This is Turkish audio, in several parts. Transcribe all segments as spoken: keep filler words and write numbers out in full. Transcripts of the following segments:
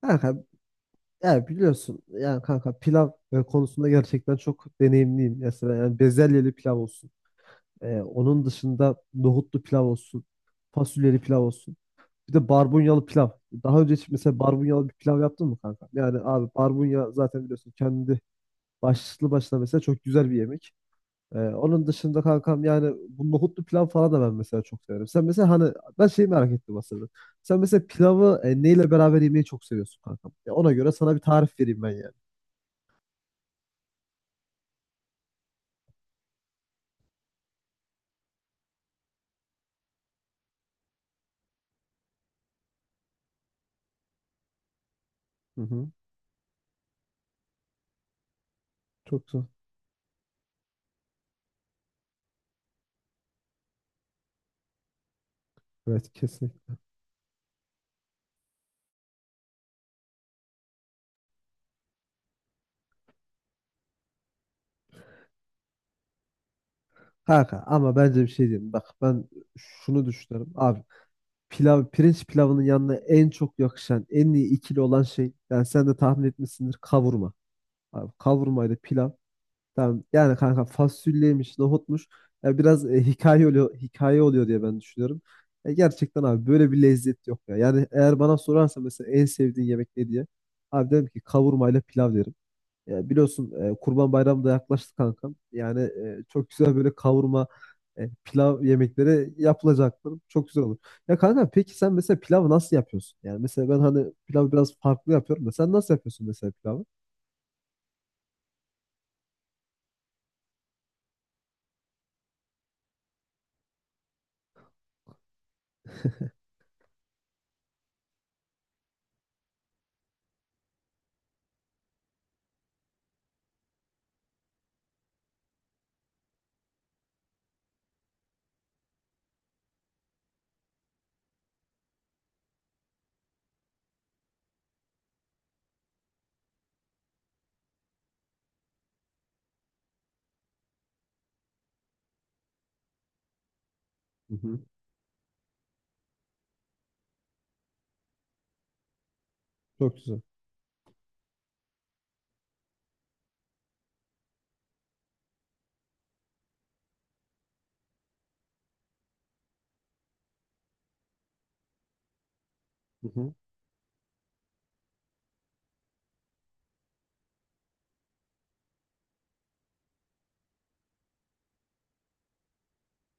Kanka ya biliyorsun yani kanka pilav e, konusunda gerçekten çok deneyimliyim. Mesela yani bezelyeli pilav olsun. E, onun dışında nohutlu pilav olsun. Fasulyeli pilav olsun. Bir de barbunyalı pilav. Daha önce hiç mesela barbunyalı bir pilav yaptın mı kanka? Yani abi barbunya zaten biliyorsun kendi başlı başına mesela çok güzel bir yemek. Ee, onun dışında kankam yani bu nohutlu pilav falan da ben mesela çok severim. Sen mesela hani ben şeyi merak ettim aslında. Sen mesela pilavı e, neyle beraber yemeyi çok seviyorsun kankam? Ya ona göre sana bir tarif vereyim ben yani. Hı hı. Çok güzel. Evet kesinlikle. Kanka ama bence bir şey diyeyim. Bak ben şunu düşünüyorum. Abi pilav, pirinç pilavının yanına en çok yakışan, en iyi ikili olan şey. Yani sen de tahmin etmişsindir kavurma. Abi kavurmayla pilav. Tamam. Yani kanka fasulyeymiş, nohutmuş. Ya biraz e, hikaye oluyor, hikaye oluyor diye ben düşünüyorum. E, gerçekten abi böyle bir lezzet yok ya. Yani eğer bana sorarsa mesela en sevdiğin yemek ne diye. Abi derim ki kavurma ile pilav derim. Ya biliyorsun e, Kurban Bayramı da yaklaştı kankam. Yani e, çok güzel böyle kavurma, e, pilav yemekleri yapılacaktır. Çok güzel olur. Ya kanka peki sen mesela pilavı nasıl yapıyorsun? Yani mesela ben hani pilavı biraz farklı yapıyorum da sen nasıl yapıyorsun mesela pilavı? Hı hı. Çok güzel. Hı hı.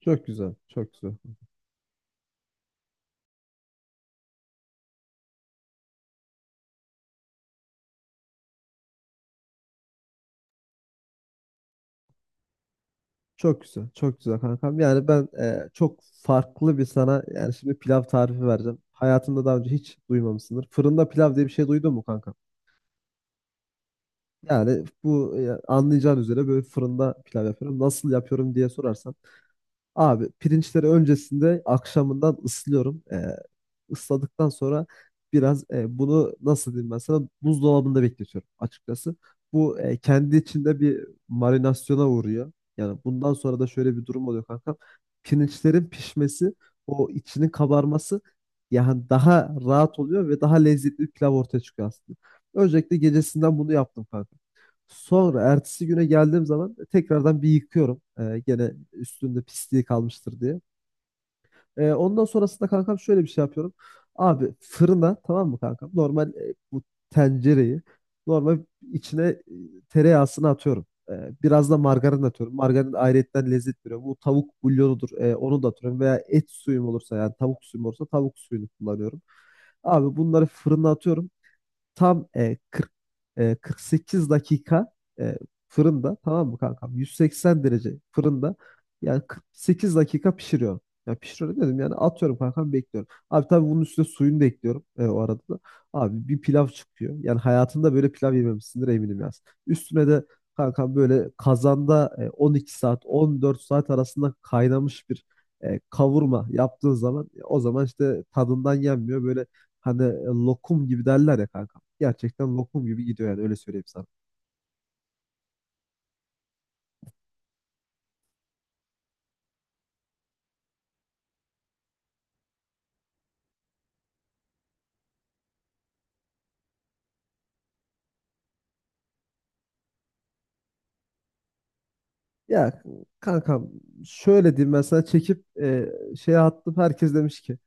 Çok güzel, çok güzel. Çok güzel, çok güzel kankam. Yani ben e, çok farklı bir sana yani şimdi pilav tarifi vereceğim. Hayatımda daha önce hiç duymamışsındır. Fırında pilav diye bir şey duydun mu kanka? Yani bu e, anlayacağın üzere böyle fırında pilav yapıyorum. Nasıl yapıyorum diye sorarsan abi pirinçleri öncesinde akşamından ıslıyorum. Ee, ısladıktan sonra biraz e, bunu nasıl diyeyim ben sana buzdolabında bekletiyorum açıkçası. Bu e, kendi içinde bir marinasyona uğruyor. Yani bundan sonra da şöyle bir durum oluyor kankam. Pirinçlerin pişmesi, o içinin kabarması yani daha rahat oluyor ve daha lezzetli bir pilav ortaya çıkıyor aslında. Öncelikle gecesinden bunu yaptım kanka. Sonra ertesi güne geldiğim zaman tekrardan bir yıkıyorum. Ee, gene üstünde pisliği kalmıştır diye. E, ondan sonrasında kankam şöyle bir şey yapıyorum. Abi fırına tamam mı kankam? Normal e, bu tencereyi normal içine e, tereyağısını atıyorum. E, biraz da margarin atıyorum. Margarin ayrıyetten lezzet veriyor. Bu tavuk bulyonudur. E, onu da atıyorum. Veya et suyum olursa yani tavuk suyum olursa tavuk suyunu kullanıyorum. Abi bunları fırına atıyorum. Tam e, kırk, e, kırk sekiz dakika e, fırında tamam mı kankam? yüz seksen derece fırında yani kırk sekiz dakika pişiriyorum. Ya pişiriyorum dedim yani atıyorum kankam bekliyorum. Abi tabii bunun üstüne suyunu da ekliyorum e, o arada da. Abi bir pilav çıkıyor. Yani hayatında böyle pilav yememişsindir eminim yaz. Üstüne de kankam böyle kazanda e, on iki saat on dört saat arasında kaynamış bir e, kavurma yaptığın zaman e, o zaman işte tadından yenmiyor. Böyle hani e, lokum gibi derler ya kanka gerçekten lokum gibi gidiyor yani öyle söyleyeyim sana. Ya kankam şöyle diyeyim ben sana çekip e, şeye attım herkes demiş ki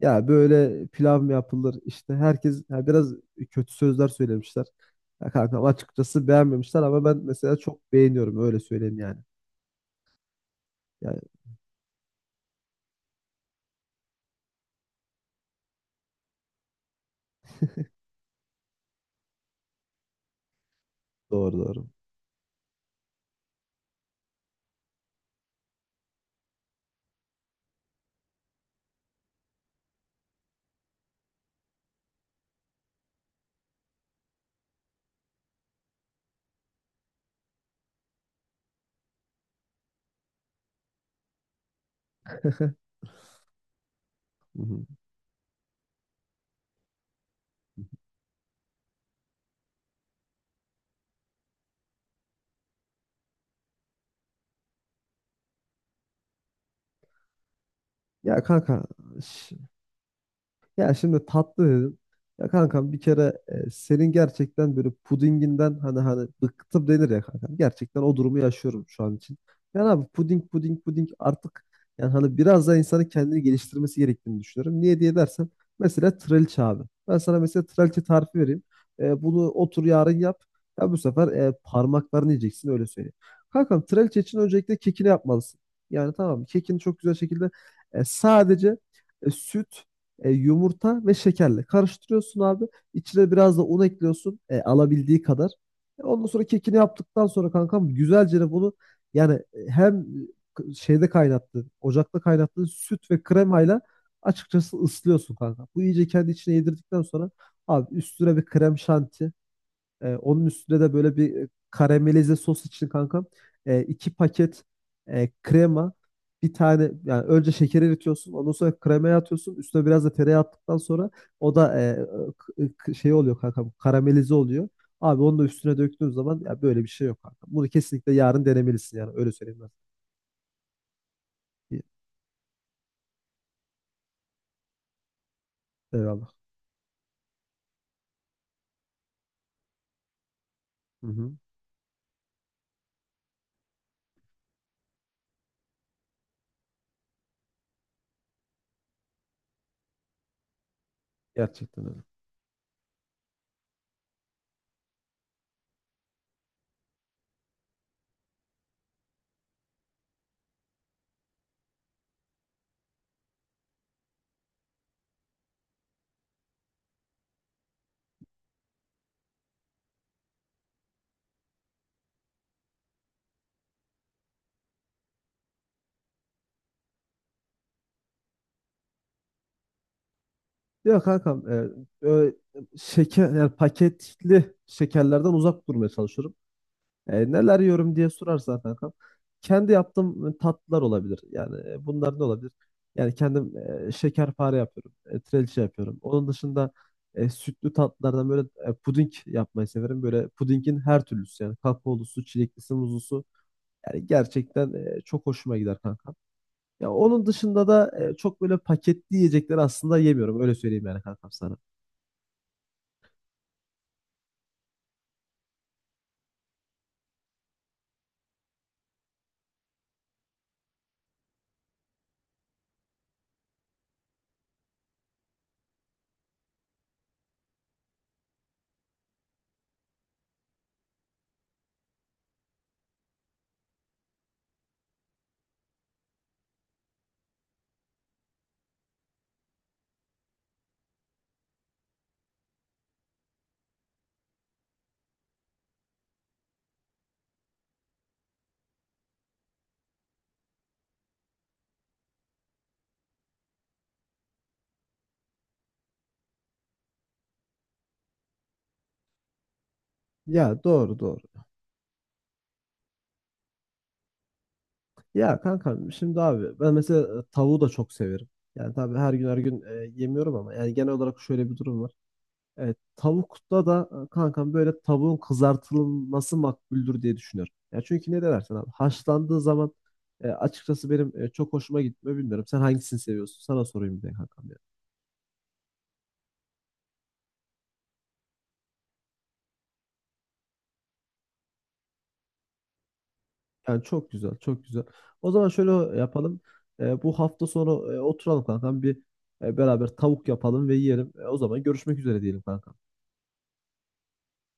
ya böyle pilav mı yapılır işte herkes ya biraz kötü sözler söylemişler. Ya kankam açıkçası beğenmemişler ama ben mesela çok beğeniyorum öyle söyleyeyim yani. Yani doğru doğru. Hı hı. Ya kanka ş- ya şimdi tatlı dedim. Ya kankam bir kere e, senin gerçekten böyle pudinginden hani hani bıktım denir ya kankam. Gerçekten o durumu yaşıyorum şu an için. Yani abi puding puding puding artık yani hani biraz daha insanın kendini geliştirmesi gerektiğini düşünüyorum. Niye diye dersen mesela trileçe abi. Ben sana mesela trileçe tarifi vereyim. E, bunu otur yarın yap. Ya bu sefer e, parmaklarını yiyeceksin öyle söyleyeyim. Kankam trileçe için öncelikle kekini yapmalısın. Yani tamam kekini çok güzel şekilde e, sadece e, süt e, yumurta ve şekerle karıştırıyorsun abi. İçine biraz da un ekliyorsun e, alabildiği kadar. E, ondan sonra kekini yaptıktan sonra kankam güzelce de bunu yani e, hem şeyde kaynattığın, ocakta kaynattığın süt ve kremayla açıkçası ıslıyorsun kanka. Bu iyice kendi içine yedirdikten sonra abi üstüne bir krem şanti e, onun üstüne de böyle bir e, karamelize sos için kankam e, iki paket e, krema bir tane yani önce şekeri eritiyorsun ondan sonra kremaya atıyorsun üstüne biraz da tereyağı attıktan sonra o da e, e, k- k- şey oluyor kankam karamelize oluyor. Abi onu da üstüne döktüğün zaman ya böyle bir şey yok kankam. Bunu kesinlikle yarın denemelisin yani öyle söyleyeyim ben. İyi, eyvallah. Hı hı. Gerçekten öyle. Yok kankam e, ö- şeker yani paketli şekerlerden uzak durmaya çalışıyorum. E, neler yiyorum diye sorarsan kankam. Kendi yaptığım tatlılar olabilir. Yani e, bunlar ne olabilir? Yani kendim e, şekerpare yapıyorum. E, trileçe yapıyorum. Onun dışında e, sütlü tatlılardan böyle e, puding yapmayı severim. Böyle pudingin her türlüsü yani kakaolusu, çileklisi, muzlusu. Yani gerçekten e, çok hoşuma gider kankam. Ya onun dışında da e, çok böyle paketli yiyecekleri aslında yemiyorum. Öyle söyleyeyim yani kankam sana. Ya doğru doğru. Ya kankam şimdi abi ben mesela e, tavuğu da çok severim. Yani tabii her gün her gün e, yemiyorum ama yani genel olarak şöyle bir durum var. E, tavukta da e, kankam böyle tavuğun kızartılması makbuldür diye düşünüyorum. Ya çünkü ne dersen abi haşlandığı zaman e, açıkçası benim e, çok hoşuma gitmiyor bilmiyorum. Sen hangisini seviyorsun? Sana sorayım bir de kankam ya. Yani çok güzel, çok güzel. O zaman şöyle yapalım. E, bu hafta sonu e, oturalım kankam bir e, beraber tavuk yapalım ve yiyelim. E, o zaman görüşmek üzere diyelim kankam.